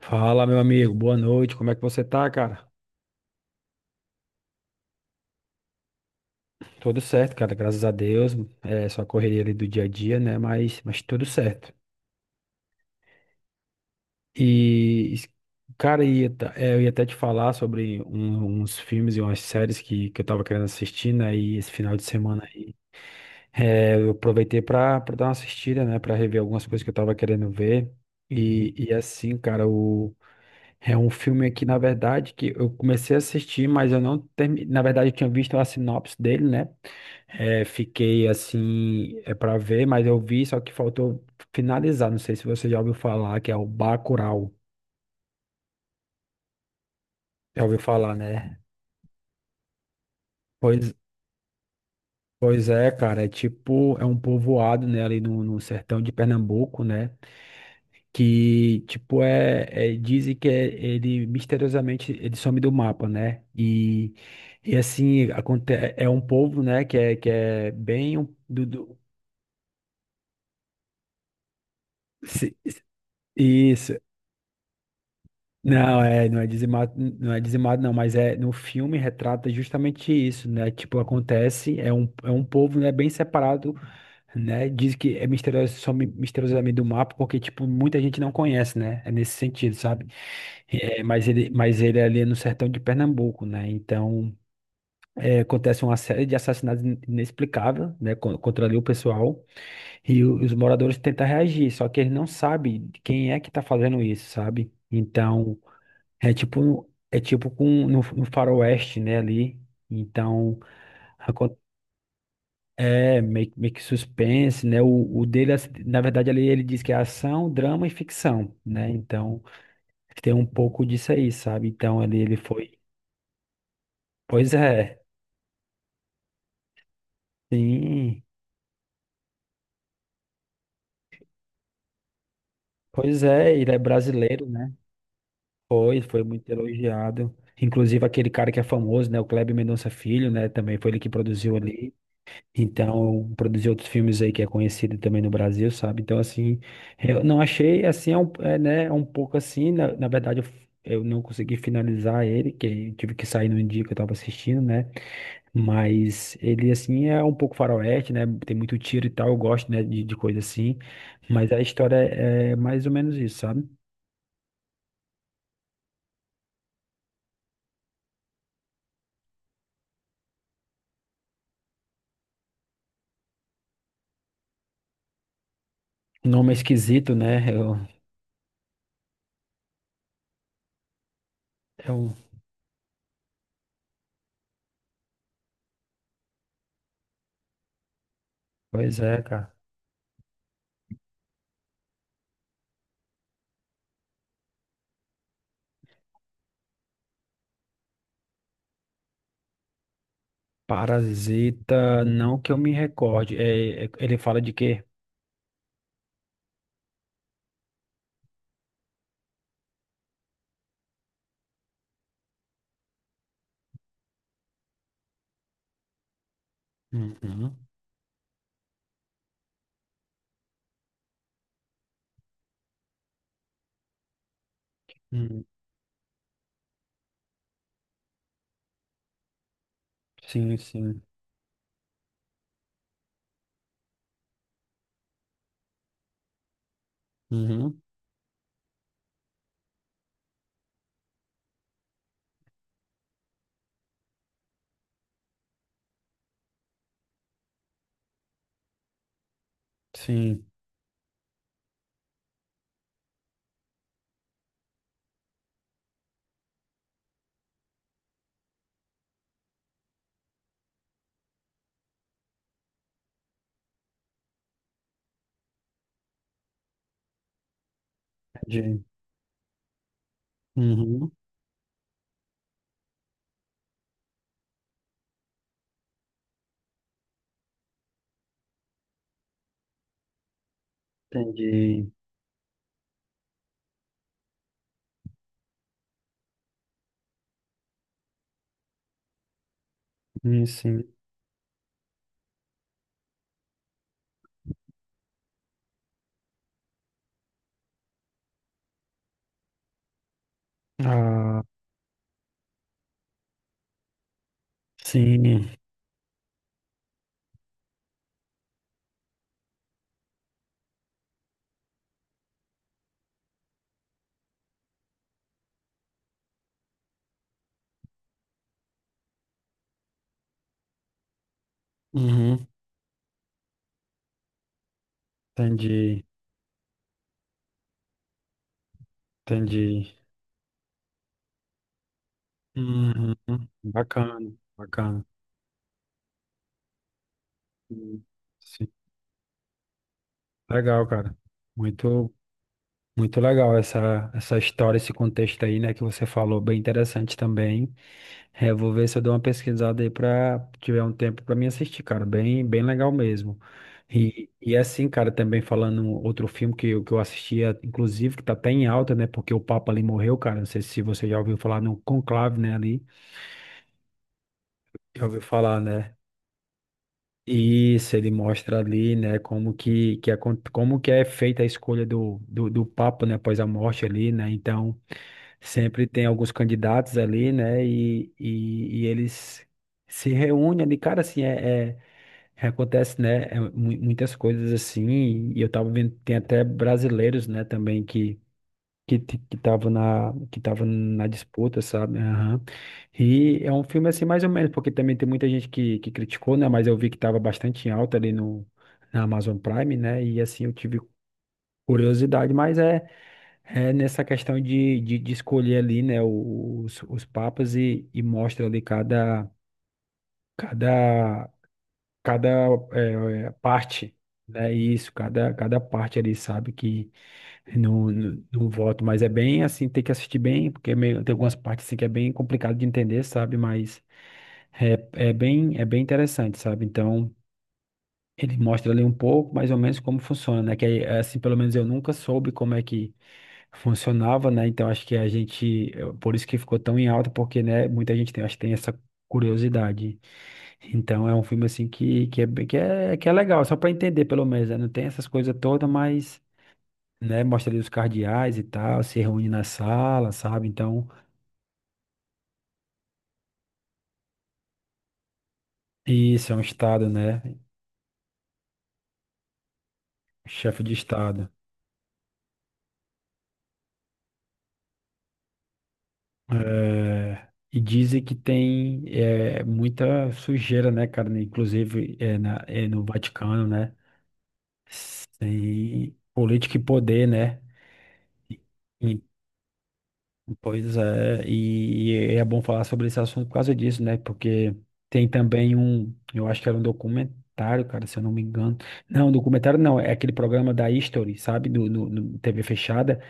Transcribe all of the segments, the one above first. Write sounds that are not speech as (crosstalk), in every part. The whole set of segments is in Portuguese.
Fala, meu amigo, boa noite. Como é que você tá, cara? Tudo certo, cara, graças a Deus. É só a correria ali do dia a dia, né? Mas tudo certo. E, es- cara, eu ia até te falar sobre uns filmes e umas séries que eu tava querendo assistir, né? E esse final de semana aí. É, eu aproveitei pra dar uma assistida, né? Pra rever algumas coisas que eu tava querendo ver. E assim, cara, o. É um filme aqui, na verdade, que eu comecei a assistir, mas eu não terminei. Na verdade, eu tinha visto a sinopse dele, né? É, fiquei assim, é para ver, mas eu vi, só que faltou finalizar. Não sei se você já ouviu falar, que é o Bacurau. Já ouviu falar, né? Pois, pois é, cara. É tipo, é um povoado, né? Ali no sertão de Pernambuco, né? Que tipo ele misteriosamente ele some do mapa, né? E assim aconte é um povo, né? Que é bem um, se- se- isso. Não, é, não é dizimado, não é dizimado, não, mas é no filme retrata justamente isso, né? Tipo, acontece, é um povo, né, bem separado, né? Diz que é misterioso, só misteriosamente do mapa, porque, tipo, muita gente não conhece, né? É nesse sentido, sabe? É, mas ele é ali no sertão de Pernambuco, né? Então, é, acontece uma série de assassinatos inexplicáveis, né? con- Contra ali o pessoal, e os moradores tentam reagir, só que eles não sabem quem é que tá fazendo isso, sabe? Então, é tipo com, no faroeste, né? Ali, então... É, meio que suspense, né? O dele, assim, na verdade, ali ele diz que é ação, drama e ficção, né? Então, tem um pouco disso aí, sabe? Então, ali ele foi. Pois é, sim. Pois é, ele é brasileiro, né? Foi muito elogiado. Inclusive, aquele cara que é famoso, né? O Kleber Mendonça Filho, né? Também foi ele que produziu ali. Então, produzir outros filmes aí que é conhecido também no Brasil, sabe? Então, assim, eu não achei, assim, é um, é, né, é um pouco assim, na verdade, eu não consegui finalizar ele, que eu tive que sair no dia que eu tava assistindo, né? Mas ele, assim, é um pouco faroeste, né? Tem muito tiro e tal, eu gosto, né, de coisa assim, mas a história é, é mais ou menos isso, sabe? Nome é esquisito, né? Eu, pois é, cara. Parasita, não que eu me recorde. Ele fala de quê? Uhum. Hum, sim, sim. Uhum, sim, entendi. Uhum, entendi. Sim. Ah, sim. Uhum, entendi, entendi. Uhum, bacana, bacana. Hum, Sim. Legal, cara. Muito, muito legal essa, essa história, esse contexto aí, né, que você falou, bem interessante também. É, vou ver se eu dou uma pesquisada aí pra tiver um tempo pra mim assistir, cara. Bem, bem legal mesmo. E assim, cara, também falando um outro filme que eu assistia, inclusive, que tá até em alta, né? Porque o Papa ali morreu, cara. Não sei se você já ouviu falar no Conclave, né? Ali. Já ouviu falar, né? Isso, ele mostra ali, né, como que é feita a escolha do Papa, né, após a morte ali, né, então, sempre tem alguns candidatos ali, né? E eles se reúnem ali, cara, assim, acontece, né? Muitas coisas assim, e eu tava vendo, tem até brasileiros, né, também que tava na disputa, sabe? Aham. E é um filme assim mais ou menos, porque também tem muita gente que criticou, né, mas eu vi que tava bastante em alta ali no na Amazon Prime, né? E assim eu tive curiosidade, mas é é nessa questão de escolher ali, né, os papas e mostra ali cada, cada parte, né, isso, cada parte ali, sabe, que no voto, mas é bem assim, tem que assistir bem, porque é meio- tem algumas partes assim que é bem complicado de entender, sabe, mas é, é bem interessante, sabe, então... Ele mostra ali um pouco, mais ou menos, como funciona, né? Que aí, assim, pelo menos eu nunca soube como é que funcionava, né? Então acho que a gente, por isso que ficou tão em alta, porque, né, muita gente tem, acho que tem essa curiosidade. Então é um filme assim que é, bem- que é legal, só para entender pelo menos, né? Não tem essas coisas todas, mas, né, mostra ali os cardeais e tal, se reúne na sala, sabe? Então, isso é um estado, né? Chefe de estado. É, e dizem que tem é, muita sujeira, né, cara? Né, inclusive é, é no Vaticano, né? Sem política e poder, né? E- pois é, e é bom falar sobre esse assunto por causa disso, né? Porque tem também um, eu acho que era um documentário, cara, se eu não me engano. Não, documentário não, é aquele programa da History, sabe? Do, no TV fechada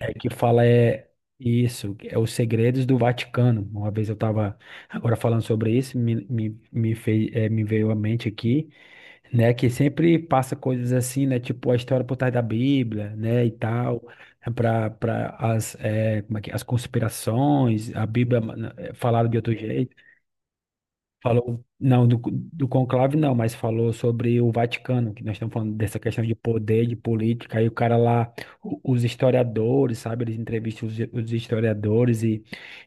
é que fala é isso, é os segredos do Vaticano. Uma vez eu estava agora falando sobre isso, fez, me veio à mente aqui, né? Que sempre passa coisas assim, né? Tipo a história por trás da Bíblia, né? E tal, para as, como é que, é, as conspirações, a Bíblia, falada de outro jeito. Falou, não, do conclave não, mas falou sobre o Vaticano, que nós estamos falando dessa questão de poder, de política, aí o cara lá, os historiadores, sabe, eles entrevistam os historiadores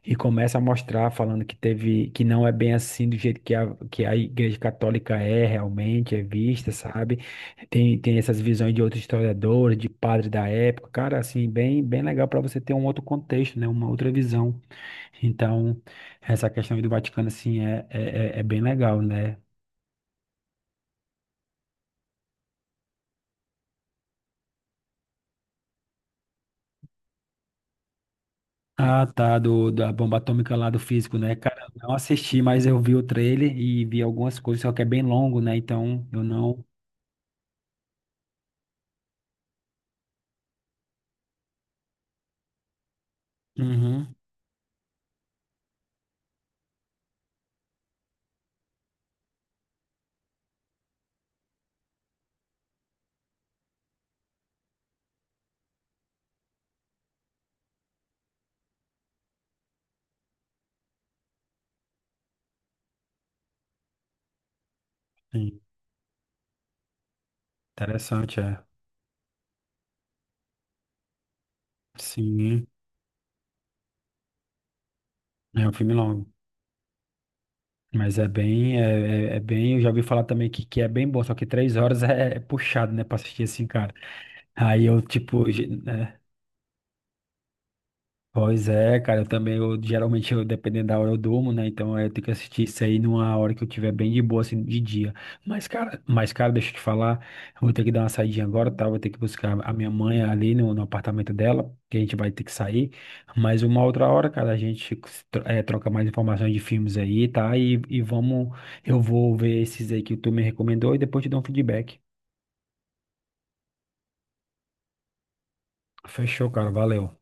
e começa a mostrar, falando que teve, que não é bem assim do jeito que que a Igreja Católica é realmente, é vista, sabe, tem, tem essas visões de outros historiadores, de padre da época, cara, assim, bem, bem legal para você ter um outro contexto, né, uma outra visão. Então, essa questão aí do Vaticano, assim, é bem legal, né? Ah, tá, da bomba atômica lá do físico, né? Cara, eu não assisti, mas eu vi o trailer e vi algumas coisas, só que é bem longo, né? Então, eu não... Uhum. Sim, interessante, é. Sim, é um filme longo. Mas é bem, é bem, eu já ouvi falar também que é bem bom, só que 3 horas é, é puxado, né, pra assistir assim, cara. Aí eu, tipo, (laughs) Pois é, cara, eu também, eu, geralmente, eu, dependendo da hora eu durmo, né, então é, eu tenho que assistir isso aí numa hora que eu tiver bem de boa, assim, de dia. Mas, cara, deixa eu te falar, eu vou ter que dar uma saidinha agora, tá, vou ter que buscar a minha mãe ali no apartamento dela, que a gente vai ter que sair, mas uma outra hora, cara, a gente troca mais informações de filmes aí, tá, e vamos, eu vou ver esses aí que tu me recomendou e depois te dou um feedback. Fechou, cara, valeu.